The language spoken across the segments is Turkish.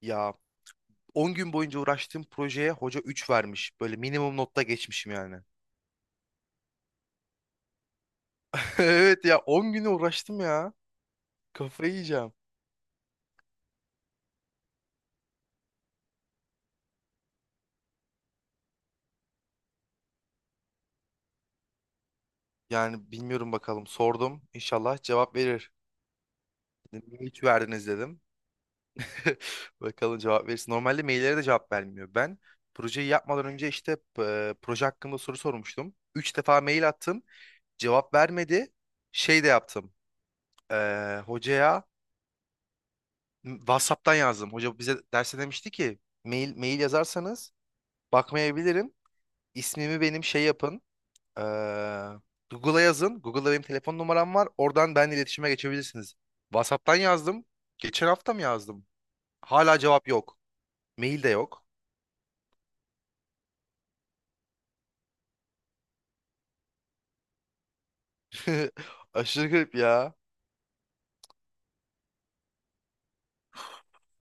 Ya 10 gün boyunca uğraştığım projeye hoca 3 vermiş. Böyle minimum notta geçmişim yani. Evet ya 10 güne uğraştım ya. Kafayı yiyeceğim. Yani bilmiyorum bakalım sordum. İnşallah cevap verir. Dedim, niye 3 verdiniz dedim. Bakalım cevap verirsin. Normalde maillere de cevap vermiyor. Ben projeyi yapmadan önce işte proje hakkında soru sormuştum. Üç defa mail attım. Cevap vermedi. Şey de yaptım. E, hocaya WhatsApp'tan yazdım. Hoca bize derse demişti ki mail mail yazarsanız bakmayabilirim. İsmimi benim şey yapın. Ee, Google'a yazın. Google'da benim telefon numaram var. Oradan benimle iletişime geçebilirsiniz. WhatsApp'tan yazdım. Geçen hafta mı yazdım? Hala cevap yok. Mail de yok. Aşırı garip ya.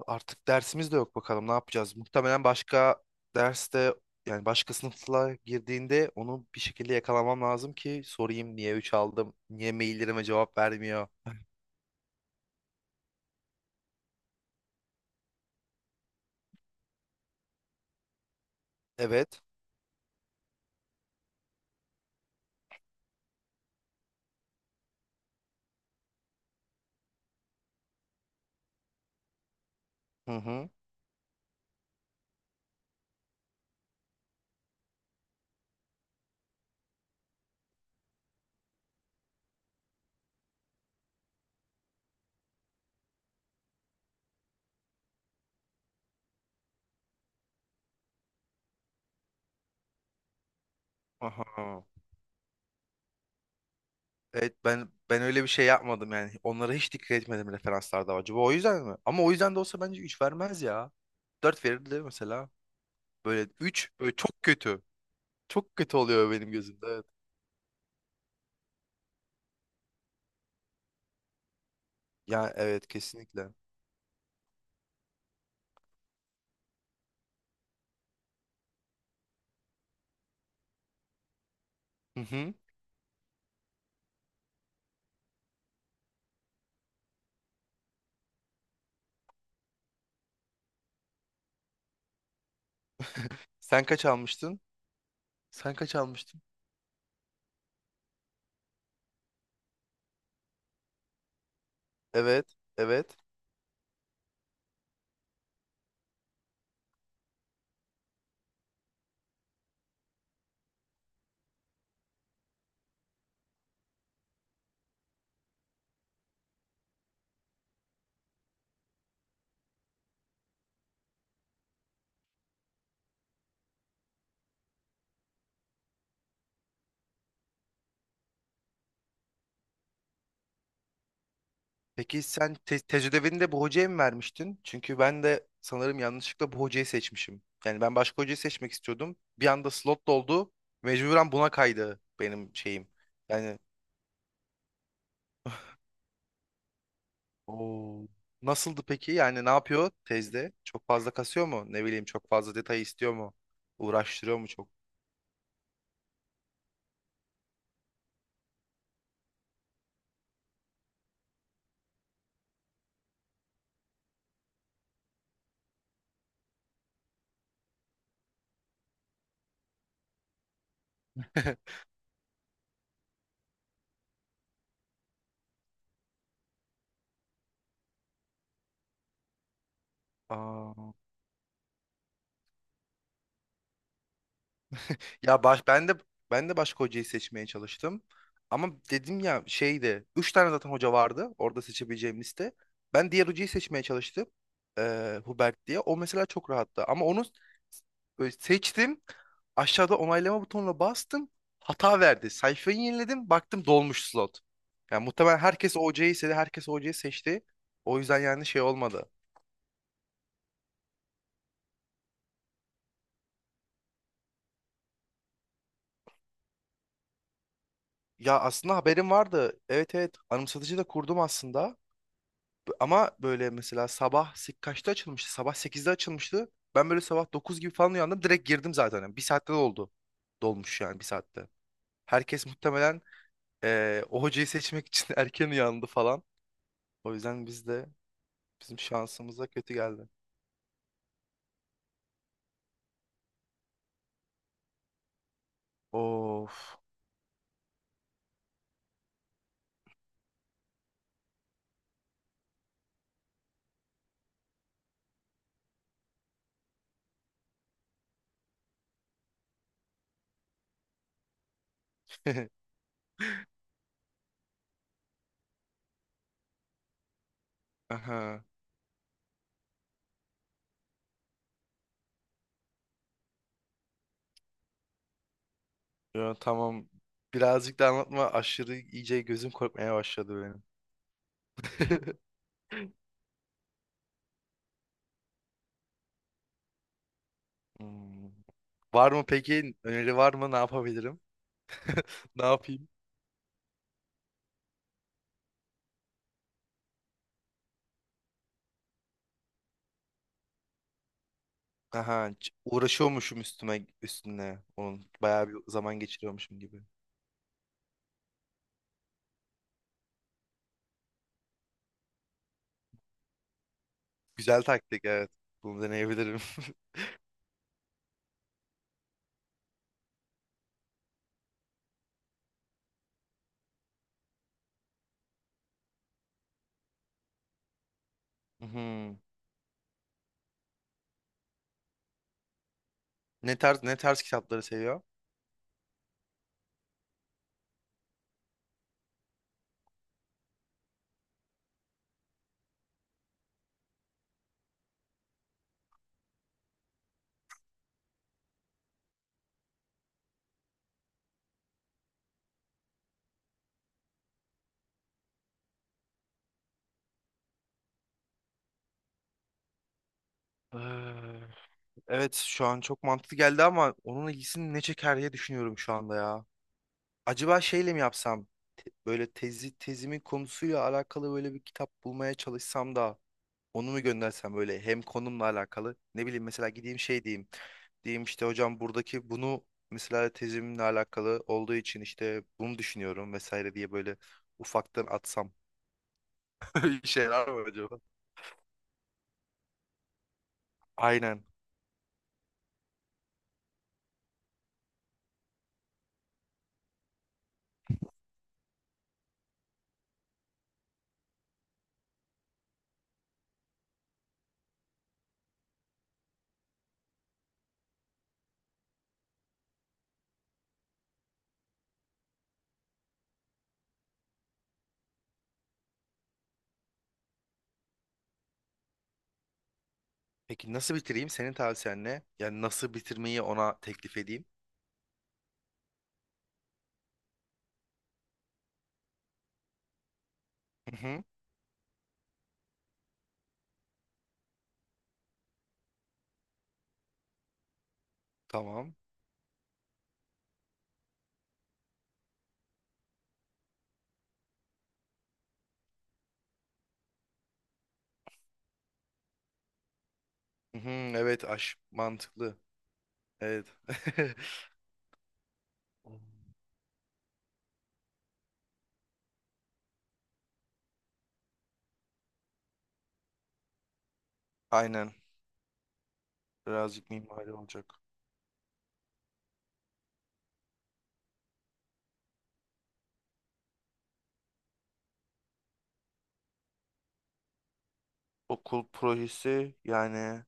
Artık dersimiz de yok bakalım ne yapacağız. Muhtemelen başka derste yani başka sınıfla girdiğinde onu bir şekilde yakalamam lazım ki sorayım niye 3 aldım, niye maillerime cevap vermiyor. Evet. Hı hı. Aha. Evet ben öyle bir şey yapmadım yani. Onlara hiç dikkat etmedim referanslarda acaba. O yüzden mi? Ama o yüzden de olsa bence 3 vermez ya. Dört verirdi mesela. Böyle 3 böyle çok kötü. Çok kötü oluyor benim gözümde. Evet. Ya evet kesinlikle. Hı hı. Sen kaç almıştın? Sen kaç almıştın? Evet. Evet. Peki sen tecrübeni de bu hocaya mı vermiştin? Çünkü ben de sanırım yanlışlıkla bu hocayı seçmişim. Yani ben başka hocayı seçmek istiyordum. Bir anda slot doldu. Mecburen buna kaydı benim şeyim. Yani Oo. Nasıldı peki? Yani ne yapıyor tezde? Çok fazla kasıyor mu? Ne bileyim çok fazla detay istiyor mu? Uğraştırıyor mu çok? Aa. Ya baş, ben de başka hocayı seçmeye çalıştım. Ama dedim ya şeydi. Üç tane zaten hoca vardı orada seçebileceğim liste. Ben diğer hocayı seçmeye çalıştım. Hubert diye. O mesela çok rahattı. Ama onu böyle seçtim. Aşağıda onaylama butonuna bastım. Hata verdi. Sayfayı yeniledim. Baktım dolmuş slot. Yani muhtemelen herkes o hocayı istedi. Herkes o hocayı seçti. O yüzden yani şey olmadı. Ya aslında haberim vardı. Evet evet anımsatıcı da kurdum aslında. Ama böyle mesela sabah kaçta açılmıştı? Sabah sekizde açılmıştı. Ben böyle sabah 9 gibi falan uyandım. Direkt girdim zaten. Yani bir saatte de oldu. Dolmuş yani bir saatte. Herkes muhtemelen o hocayı seçmek için erken uyandı falan. O yüzden biz de bizim şansımıza kötü geldi. Of. Aha. Ya, tamam. Birazcık da anlatma. Aşırı iyice gözüm korkmaya başladı benim. Hmm. Var mı peki? Öneri var mı? Ne yapabilirim? Ne yapayım? Aha, uğraşıyormuşum üstüme üstüne. Onun bayağı bir zaman geçiriyormuşum gibi. Güzel taktik evet. Bunu deneyebilirim. Mhm. Ne tarz kitapları seviyor? Eee, Evet şu an çok mantıklı geldi ama onun ilgisini ne çeker diye düşünüyorum şu anda ya. Acaba şeyle mi yapsam? Böyle tezimin konusuyla alakalı böyle bir kitap bulmaya çalışsam da onu mu göndersem böyle hem konumla alakalı ne bileyim mesela gideyim şey diyeyim. Diyeyim işte hocam buradaki bunu mesela tezimle alakalı olduğu için işte bunu düşünüyorum vesaire diye böyle ufaktan atsam. Bir şeyler mi acaba? Aynen. Peki nasıl bitireyim? Senin tavsiyen ne? Yani nasıl bitirmeyi ona teklif edeyim? Hı hı, tamam. Hı hı, evet aş mantıklı. Evet. Aynen. Birazcık mimari olacak. Okul projesi yani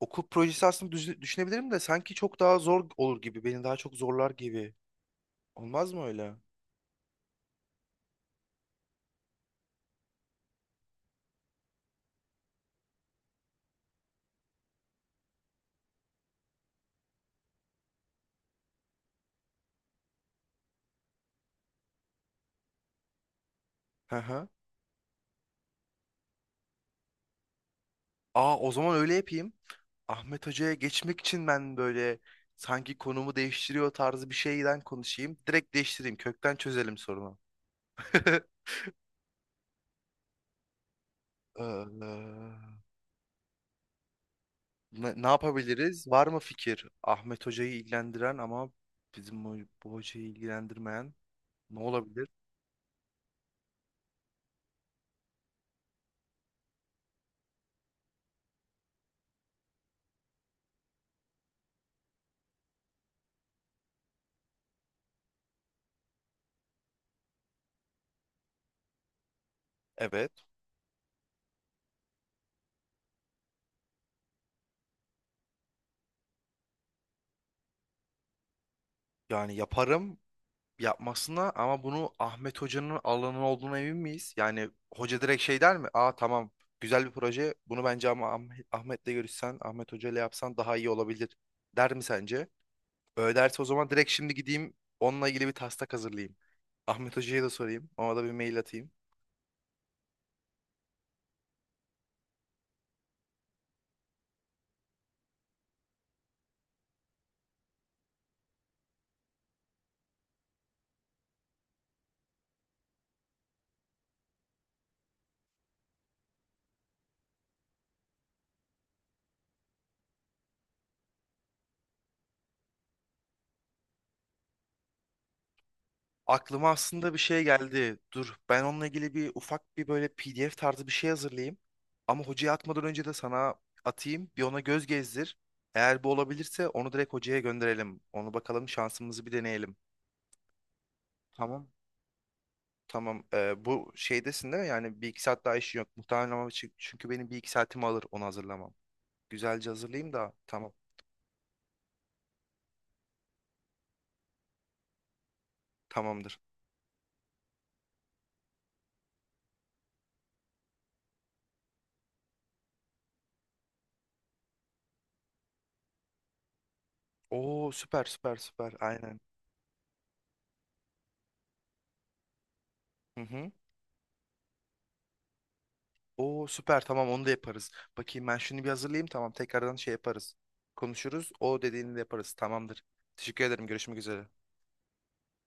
okul projesi aslında düşünebilirim de sanki çok daha zor olur gibi. Beni daha çok zorlar gibi. Olmaz mı öyle? Hı hı. Aa o zaman öyle yapayım. Ahmet Hoca'ya geçmek için ben böyle sanki konumu değiştiriyor tarzı bir şeyden konuşayım. Direkt değiştireyim. Kökten çözelim sorunu. Ee, ne yapabiliriz? Var mı fikir? Ahmet Hoca'yı ilgilendiren ama bizim bu, bu hocayı ilgilendirmeyen ne olabilir? Evet. Yani yaparım yapmasına ama bunu Ahmet Hoca'nın alanı olduğuna emin miyiz? Yani hoca direkt şey der mi? Aa tamam güzel bir proje bunu bence ama Ahmet'le görüşsen Ahmet Hoca ile yapsan daha iyi olabilir der mi sence? Öyle derse o zaman direkt şimdi gideyim onunla ilgili bir taslak hazırlayayım. Ahmet Hoca'ya da sorayım ona da bir mail atayım. Aklıma aslında bir şey geldi. Dur, ben onunla ilgili bir ufak böyle PDF tarzı bir şey hazırlayayım. Ama hocaya atmadan önce de sana atayım. Bir ona göz gezdir. Eğer bu olabilirse onu direkt hocaya gönderelim. Onu bakalım şansımızı bir deneyelim. Tamam. Tamam. Bu şeydesin değil mi? Yani bir iki saat daha işin yok. Muhtemelen ama çünkü benim bir iki saatimi alır onu hazırlamam. Güzelce hazırlayayım da. Tamam. Tamamdır. Oo süper süper süper. Aynen. Hı hı. Oo süper tamam onu da yaparız. Bakayım ben şunu bir hazırlayayım tamam tekrardan şey yaparız. Konuşuruz. O dediğini de yaparız. Tamamdır. Teşekkür ederim. Görüşmek üzere.